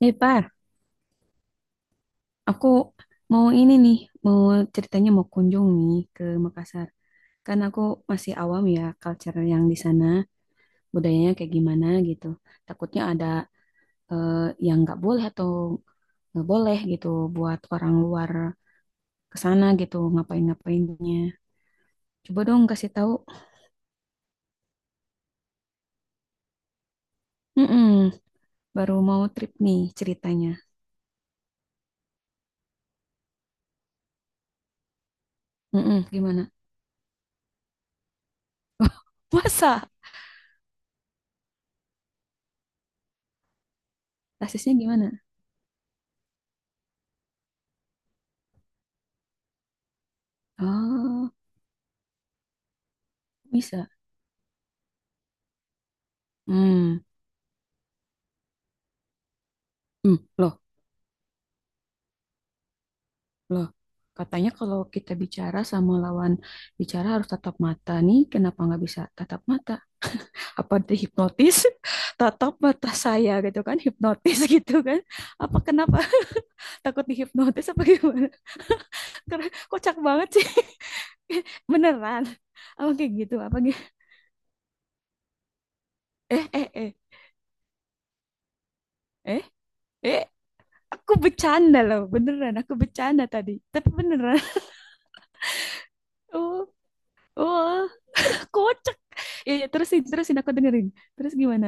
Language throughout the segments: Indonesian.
Eh, Par, aku mau ini nih, mau ceritanya mau kunjung nih ke Makassar. Kan aku masih awam ya culture yang di sana, budayanya kayak gimana gitu. Takutnya ada eh, yang nggak boleh atau nggak boleh gitu buat orang luar ke sana gitu ngapain-ngapainnya. Coba dong kasih tahu. Mm-mm, baru mau trip nih ceritanya. Mm-mm, gimana? Puasa? Rasisnya gimana? Oh, bisa. Hmm. Hmm, loh. Loh, katanya kalau kita bicara sama lawan bicara harus tatap mata nih, kenapa nggak bisa tatap mata? Apa dihipnotis? Tatap mata saya gitu kan, hipnotis gitu kan. Apa kenapa takut dihipnotis apa gimana? Karena kocak banget sih. Beneran. Apa kayak gitu? Apa gitu? Eh, eh, eh, eh, eh. Aku bercanda loh, beneran. Aku bercanda tadi. Tapi beneran. Oh, oh, kocak. Ya, ya, terusin, terusin aku dengerin. Terus gimana?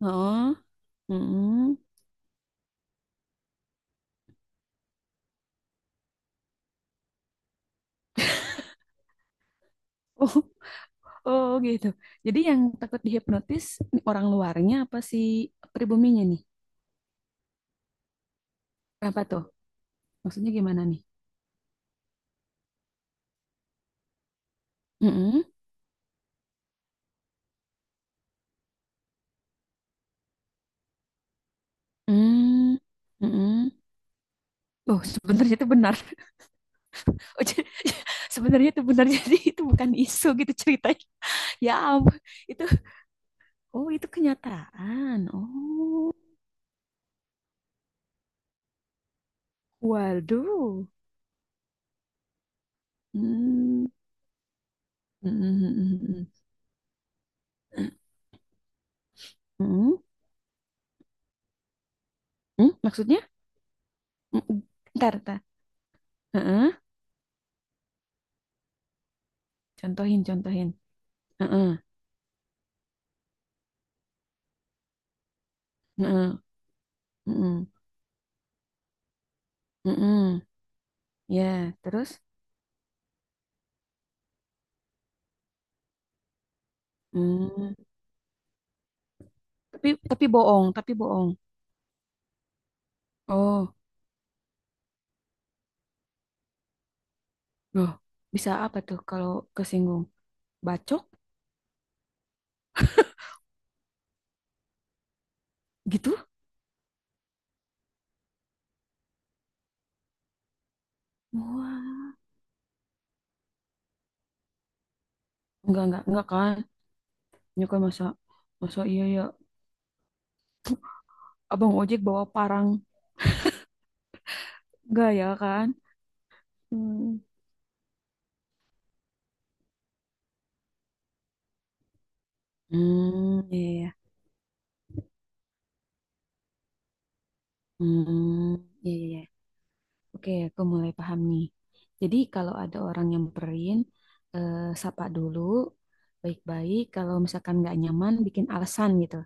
Oh, mm-mm. Oh, oh gitu. Jadi yang takut dihipnotis orang luarnya apa si pribuminya nih? Apa tuh? Maksudnya gimana nih? Mm-mm. Mm. Mm-mm. Oh, sebenarnya itu benar. Oh, jadi, sebenarnya itu benar. Jadi itu bukan isu gitu ceritanya. Ya ampun. Itu, oh, itu kenyataan. Oh, waduh. Hmm. Mm-mm, mm-mm, mm-mm. Mm, maksudnya? Mm-mm. Ntar, ntar. Heeh. Contohin, contohin. Heeh. Heeh, heeh, heeh. Ya, terus? Hmm, tapi bohong, tapi bohong. Oh, loh, bisa apa tuh kalau kesinggung? Bacok gitu? Wah, enggak kan? Nyokap masa masa iya ya. Abang ojek bawa parang enggak ya kan? Hmm, hmm, iya, iya. Hmm, iya, iya, iya. Oke, aku mulai paham nih. Jadi kalau ada orang nyamperin, eh, sapa dulu, baik-baik. Kalau misalkan nggak nyaman, bikin alasan gitu.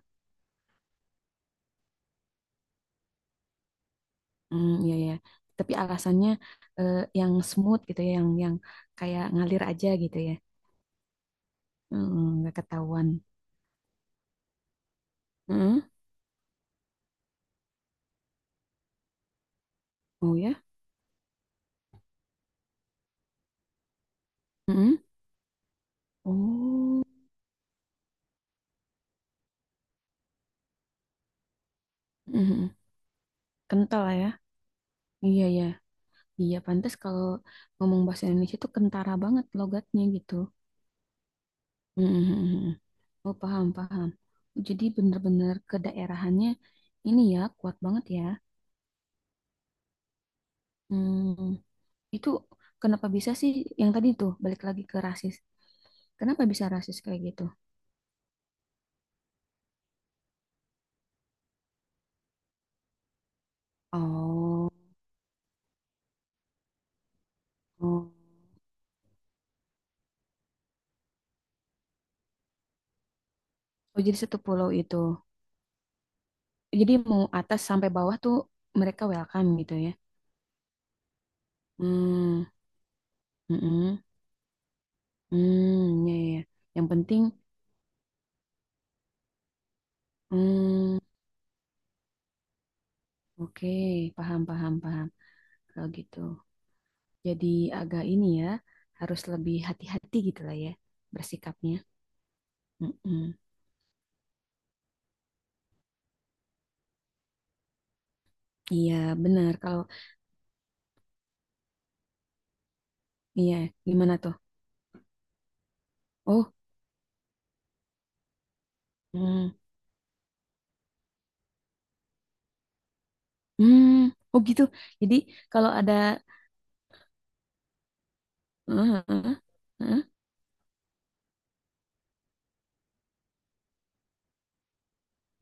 Hmm, iya ya. Tapi alasannya yang smooth gitu ya, yang kayak ngalir aja gitu ya. Hmm, nggak ketahuan. Hmm, oh ya. Hmm, oh, hmm, hmm. Kental ya. Iya ya. Iya, pantas kalau ngomong bahasa Indonesia tuh kentara banget logatnya gitu. Mhm, mhm, mhm. Oh, paham, paham. Jadi benar-benar kedaerahannya ini ya kuat banget ya. Hmm, itu kenapa bisa sih yang tadi tuh balik lagi ke rasis? Kenapa bisa rasis kayak gitu? Oh, oh, oh, jadi satu pulau itu. Jadi mau atas sampai bawah tuh mereka welcome gitu ya. Hmm, mm-mm, hmm, hmm, ya, ya, ya. Yang penting, hmm, oke, paham, paham, paham. Kalau gitu. Jadi agak ini ya, harus lebih hati-hati gitu lah ya bersikapnya. Mm-mm. Iya, benar. Kalau iya, gimana tuh? Oh, mm, mm, oh gitu. Jadi kalau ada, eh, eh, eh,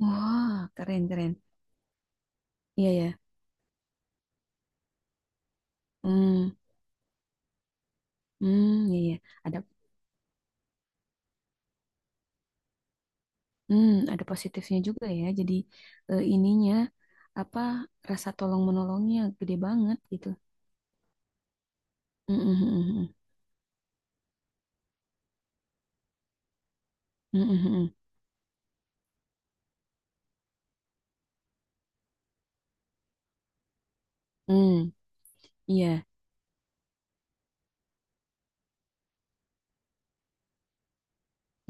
wah, keren, keren. Iya ya, mm, mm, iya ya. Ada, ada positifnya juga ya. Jadi ininya apa rasa tolong menolongnya gede banget gitu. Mm, mm, mm, mm, mm, mm, mm, mm. Iya.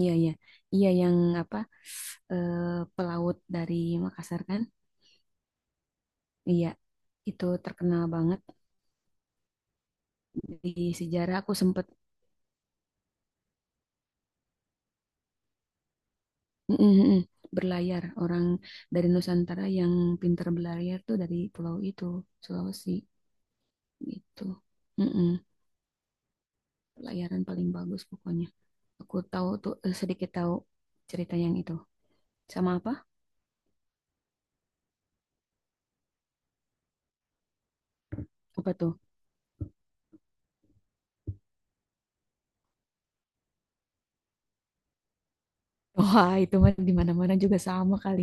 Iya, iya. Iya yang apa eh, pelaut dari Makassar kan? Iya. Itu terkenal banget di sejarah. Aku sempet. Mm, mm, mm. Berlayar orang dari Nusantara yang pintar berlayar tuh dari pulau itu, Sulawesi gitu. Mm, mm. Pelayaran paling bagus pokoknya. Aku tahu tuh sedikit tahu cerita yang itu. Sama apa? Apa tuh? Wah, itu mah di mana-mana juga sama kali.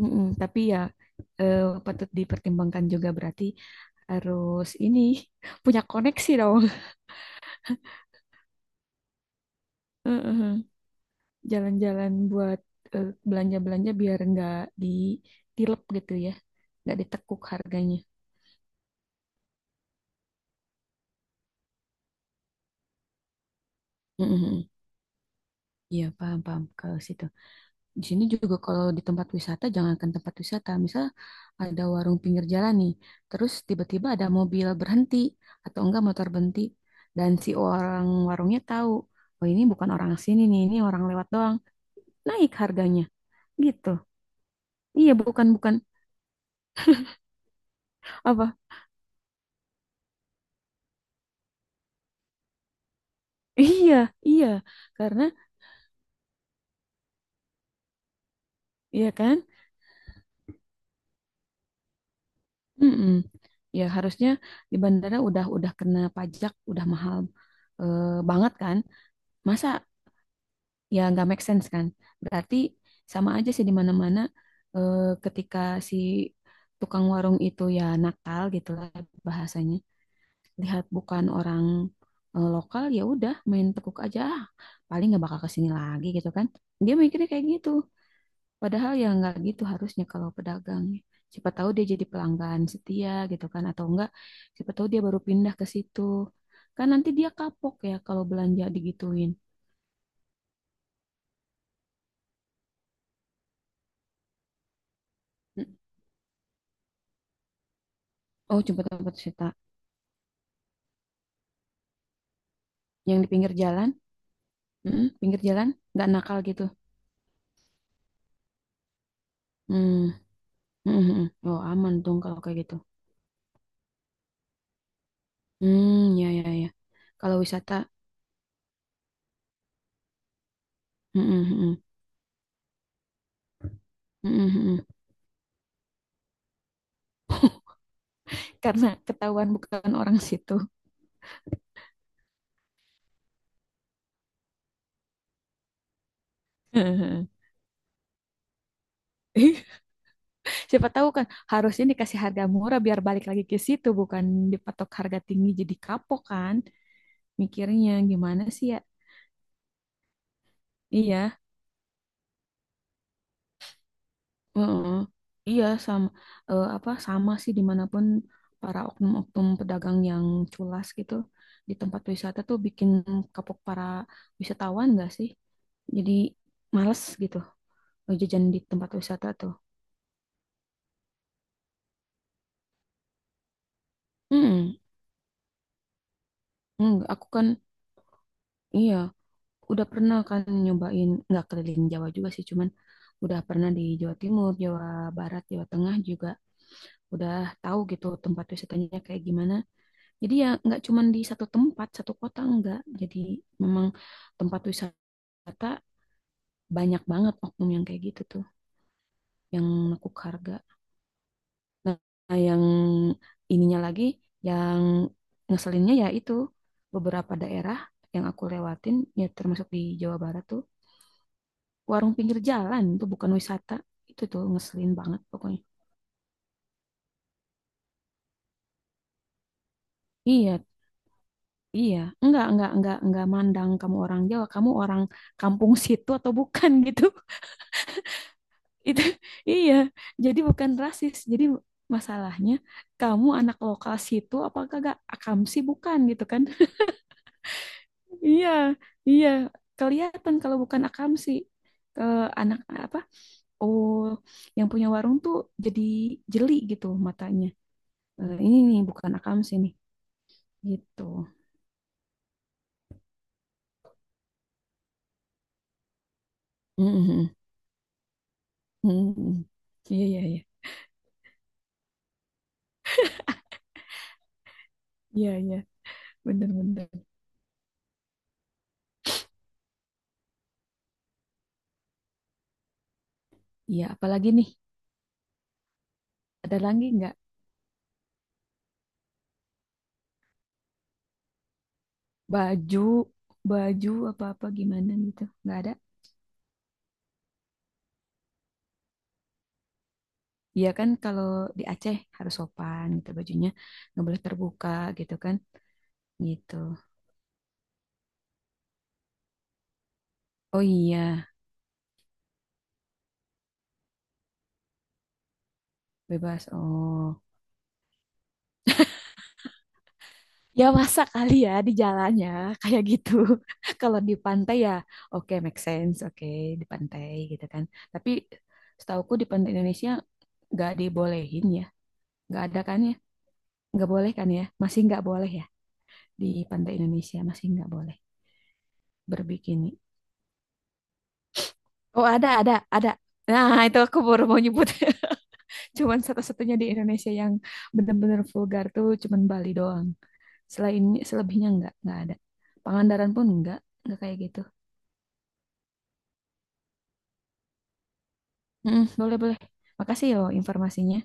Mm-mm, tapi ya eh, patut dipertimbangkan juga berarti harus ini punya koneksi dong. Heeh. Jalan-jalan buat belanja-belanja biar nggak ditilep gitu ya, nggak ditekuk harganya. Mm-mm. Iya, paham, paham kalau situ. Di sini juga kalau di tempat wisata, jangankan tempat wisata, misal ada warung pinggir jalan nih, terus tiba-tiba ada mobil berhenti atau enggak motor berhenti, dan si orang warungnya tahu, oh ini bukan orang sini nih, ini orang lewat doang, naik harganya, gitu. Iya, bukan bukan apa? Iya, iya, karena iya kan. Mm-mm. Ya harusnya di bandara udah kena pajak, udah mahal eh, banget kan, masa ya nggak make sense kan berarti sama aja sih di mana-mana eh, ketika si tukang warung itu ya nakal gitu lah bahasanya lihat bukan orang lokal ya udah main tekuk aja. Ah, paling nggak bakal kesini lagi gitu kan dia mikirnya kayak gitu padahal ya nggak gitu harusnya kalau pedagang ya. Siapa tahu dia jadi pelanggan setia gitu kan atau enggak siapa tahu dia baru pindah ke situ kan nanti dia kapok ya kalau belanja digituin. Hmm. Oh, cuma dapat cerita. Yang di pinggir jalan, mm-mm, pinggir jalan, nggak nakal gitu. Hmm, mm-mm-mm. Oh, aman dong kalau kayak gitu. Hmm, ya, ya, ya. Kalau wisata, mm-mm-mm, mm-mm-mm. Karena ketahuan bukan orang situ. Siapa tahu kan harusnya dikasih harga murah biar balik lagi ke situ, bukan dipatok harga tinggi jadi kapok kan mikirnya gimana sih ya? Iya, heeh. Iya sama apa sama sih dimanapun para oknum-oknum pedagang yang culas gitu di tempat wisata tuh bikin kapok para wisatawan gak sih? Jadi males gitu jajan di tempat wisata tuh. Mm-mm. Enggak, aku kan iya udah pernah kan nyobain nggak keliling Jawa juga sih cuman udah pernah di Jawa Timur, Jawa Barat, Jawa Tengah juga udah tahu gitu tempat wisatanya kayak gimana. Jadi ya nggak cuma di satu tempat, satu kota enggak. Jadi memang tempat wisata banyak banget oknum yang kayak gitu tuh, yang nekuk harga. Nah, nah, yang ininya lagi, yang ngeselinnya ya itu beberapa daerah yang aku lewatin, ya termasuk di Jawa Barat tuh, warung pinggir jalan tuh bukan wisata, itu tuh ngeselin banget pokoknya. Iya, iya, enggak mandang kamu orang Jawa, kamu orang kampung situ atau bukan gitu. Itu iya, jadi bukan rasis. Jadi masalahnya kamu anak lokal situ apakah gak akamsi bukan gitu kan? Iya, iya, kelihatan kalau bukan akamsi ke anak apa? Oh, yang punya warung tuh jadi jeli gitu matanya. Eh, ini nih bukan akamsi nih gitu. Mm-mm. Mm-mm. Iya, iya, iya. Iya, iya. Bener-bener. Iya, apalagi nih? Ada lagi nggak baju baju apa-apa gimana gitu nggak ada. Iya kan kalau di Aceh harus sopan gitu bajunya nggak boleh terbuka gitu kan gitu. Oh iya, bebas, oh ya masa kali ya di jalannya kayak gitu. Kalau di pantai ya, oke, make sense, oke, di pantai gitu kan, tapi setauku di pantai Indonesia nggak dibolehin ya. Nggak ada kan ya, nggak boleh kan ya, masih nggak boleh ya, di pantai Indonesia masih nggak boleh berbikini. Oh, ada, ada, ada. Nah itu aku baru mau nyebut. Cuman satu-satunya di Indonesia yang benar-benar vulgar tuh cuman Bali doang. Selain selebihnya nggak ada. Pangandaran pun nggak kayak gitu. Mm, boleh, boleh. Makasih yo informasinya.